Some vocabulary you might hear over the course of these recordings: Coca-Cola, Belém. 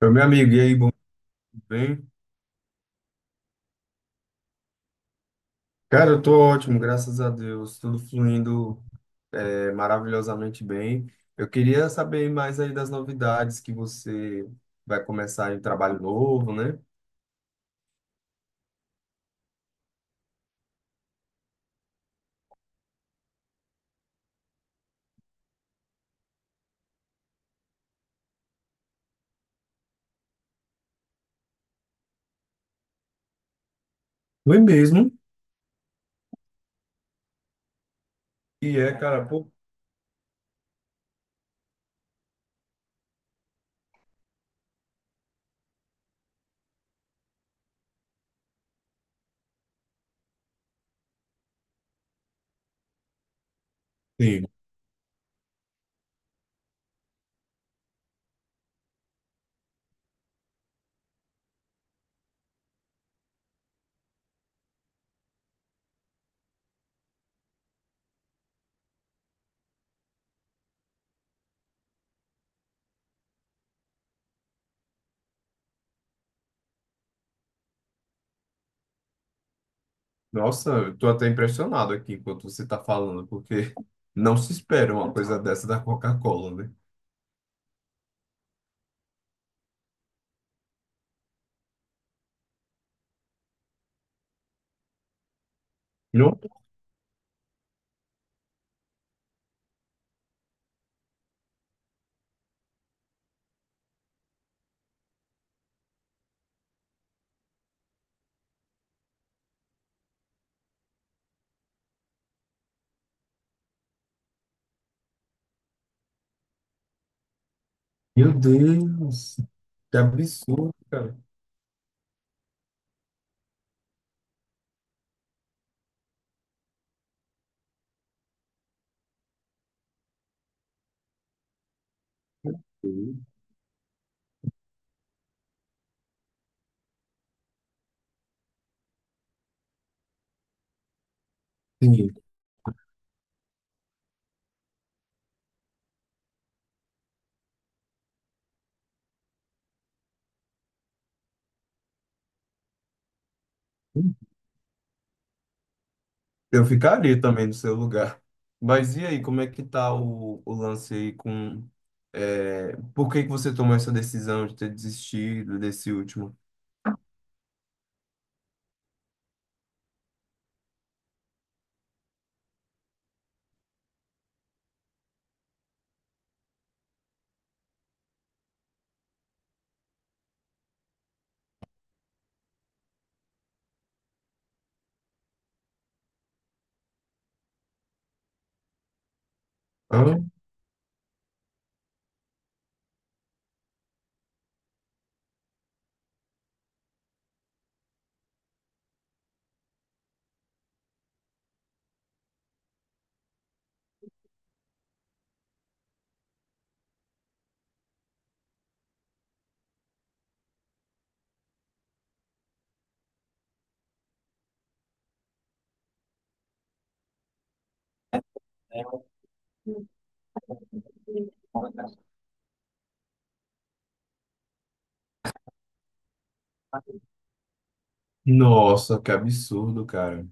Eu, meu amigo, e aí, bom, tudo bem? Cara, eu tô ótimo, graças a Deus, tudo fluindo maravilhosamente bem. Eu queria saber mais aí das novidades que você vai começar em trabalho novo, né? Foi mesmo. E é, cara, pô, sim. Nossa, eu tô até impressionado aqui enquanto você tá falando, porque não se espera uma coisa dessa da Coca-Cola, né? Não. Meu Deus, que absurdo, cara. Sim. Eu ficaria também no seu lugar. Mas e aí, como é que tá o lance aí com... por que que você tomou essa decisão de ter desistido desse último? Hã? Nossa, que absurdo, cara.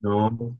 Não,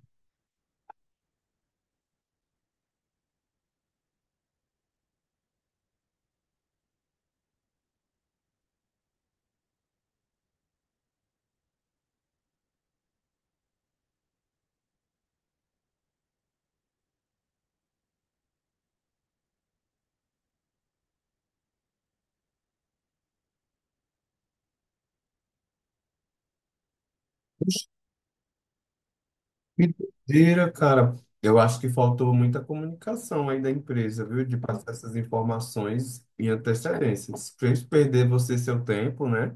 que doideira, cara. Eu acho que faltou muita comunicação aí da empresa, viu? De passar essas informações em antecedência. Fez perder você seu tempo, né?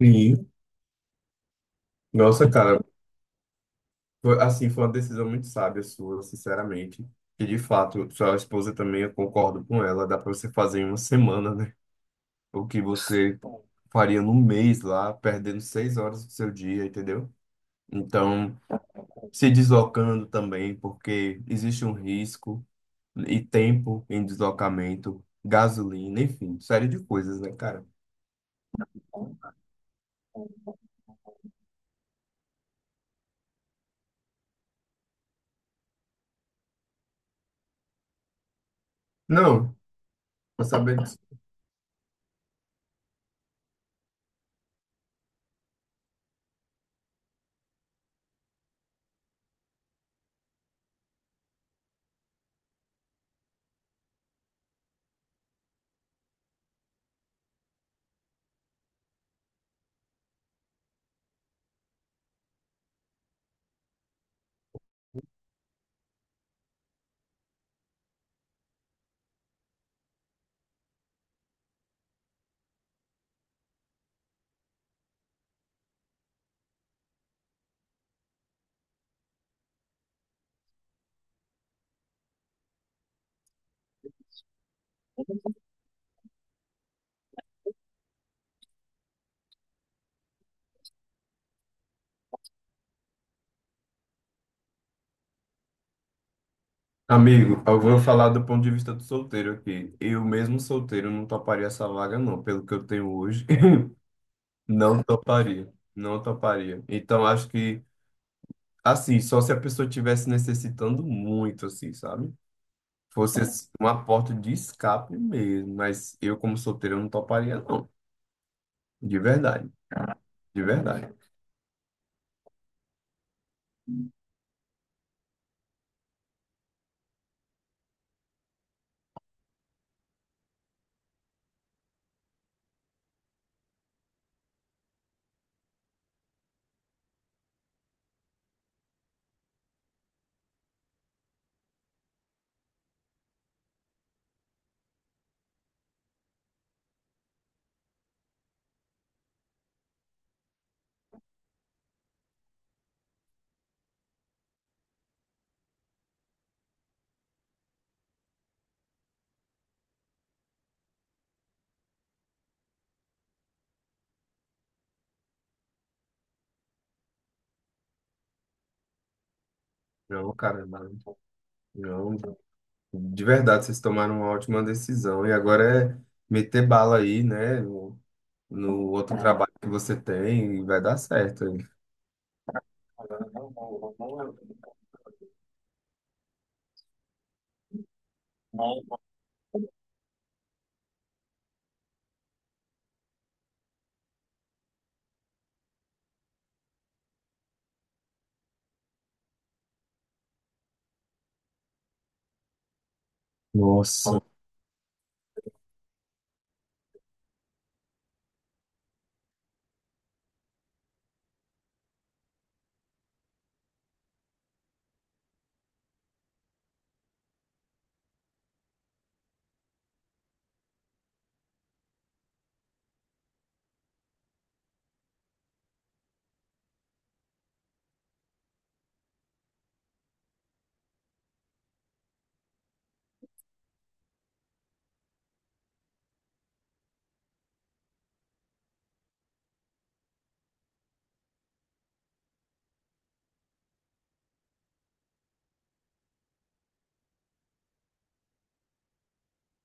Sim. Nossa, cara, foi, assim, foi uma decisão muito sábia sua, sinceramente. E de fato, sua esposa também, eu concordo com ela, dá para você fazer em uma semana, né? O que você faria num mês lá, perdendo 6 horas do seu dia, entendeu? Então, se deslocando também, porque existe um risco e tempo em deslocamento, gasolina, enfim, série de coisas, né, cara? Não, vou saber. Amigo, eu vou falar do ponto de vista do solteiro aqui. Eu mesmo solteiro não toparia essa vaga, não. Pelo que eu tenho hoje, não toparia. Não toparia. Então, acho que, assim, só se a pessoa estivesse necessitando muito, assim, sabe? Fosse assim, uma porta de escape mesmo. Mas eu, como solteiro, não toparia, não. De verdade. De verdade. Não, cara, não. De verdade, vocês tomaram uma ótima decisão. E agora é meter bala aí, né? No, no outro trabalho que você tem, e vai dar certo aí. Nossa,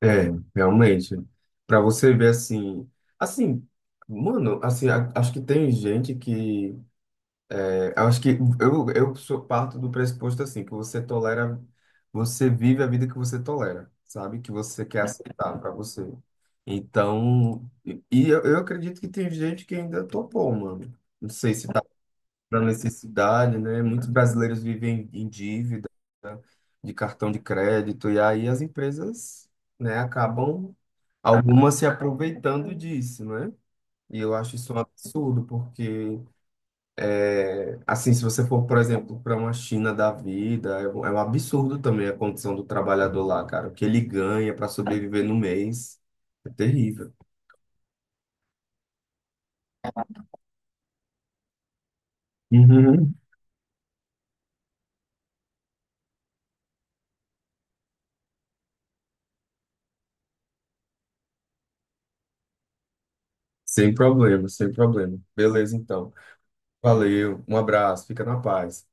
é, realmente. Pra você ver assim, assim, mano, assim, acho que tem gente que... Eu acho que eu sou parto do pressuposto assim, que você tolera, você vive a vida que você tolera, sabe? Que você quer aceitar para você. Então, e eu acredito que tem gente que ainda topou, mano. Não sei se tá pra necessidade, né? Muitos brasileiros vivem em dívida, né, de cartão de crédito, e aí as empresas, né, acabam algumas se aproveitando disso, né? E eu acho isso um absurdo, porque... Assim, se você for, por exemplo, para uma China da vida, é um absurdo também a condição do trabalhador lá, cara. O que ele ganha para sobreviver no mês é terrível. Uhum. Sem problema, sem problema. Beleza, então. Valeu, um abraço, fica na paz.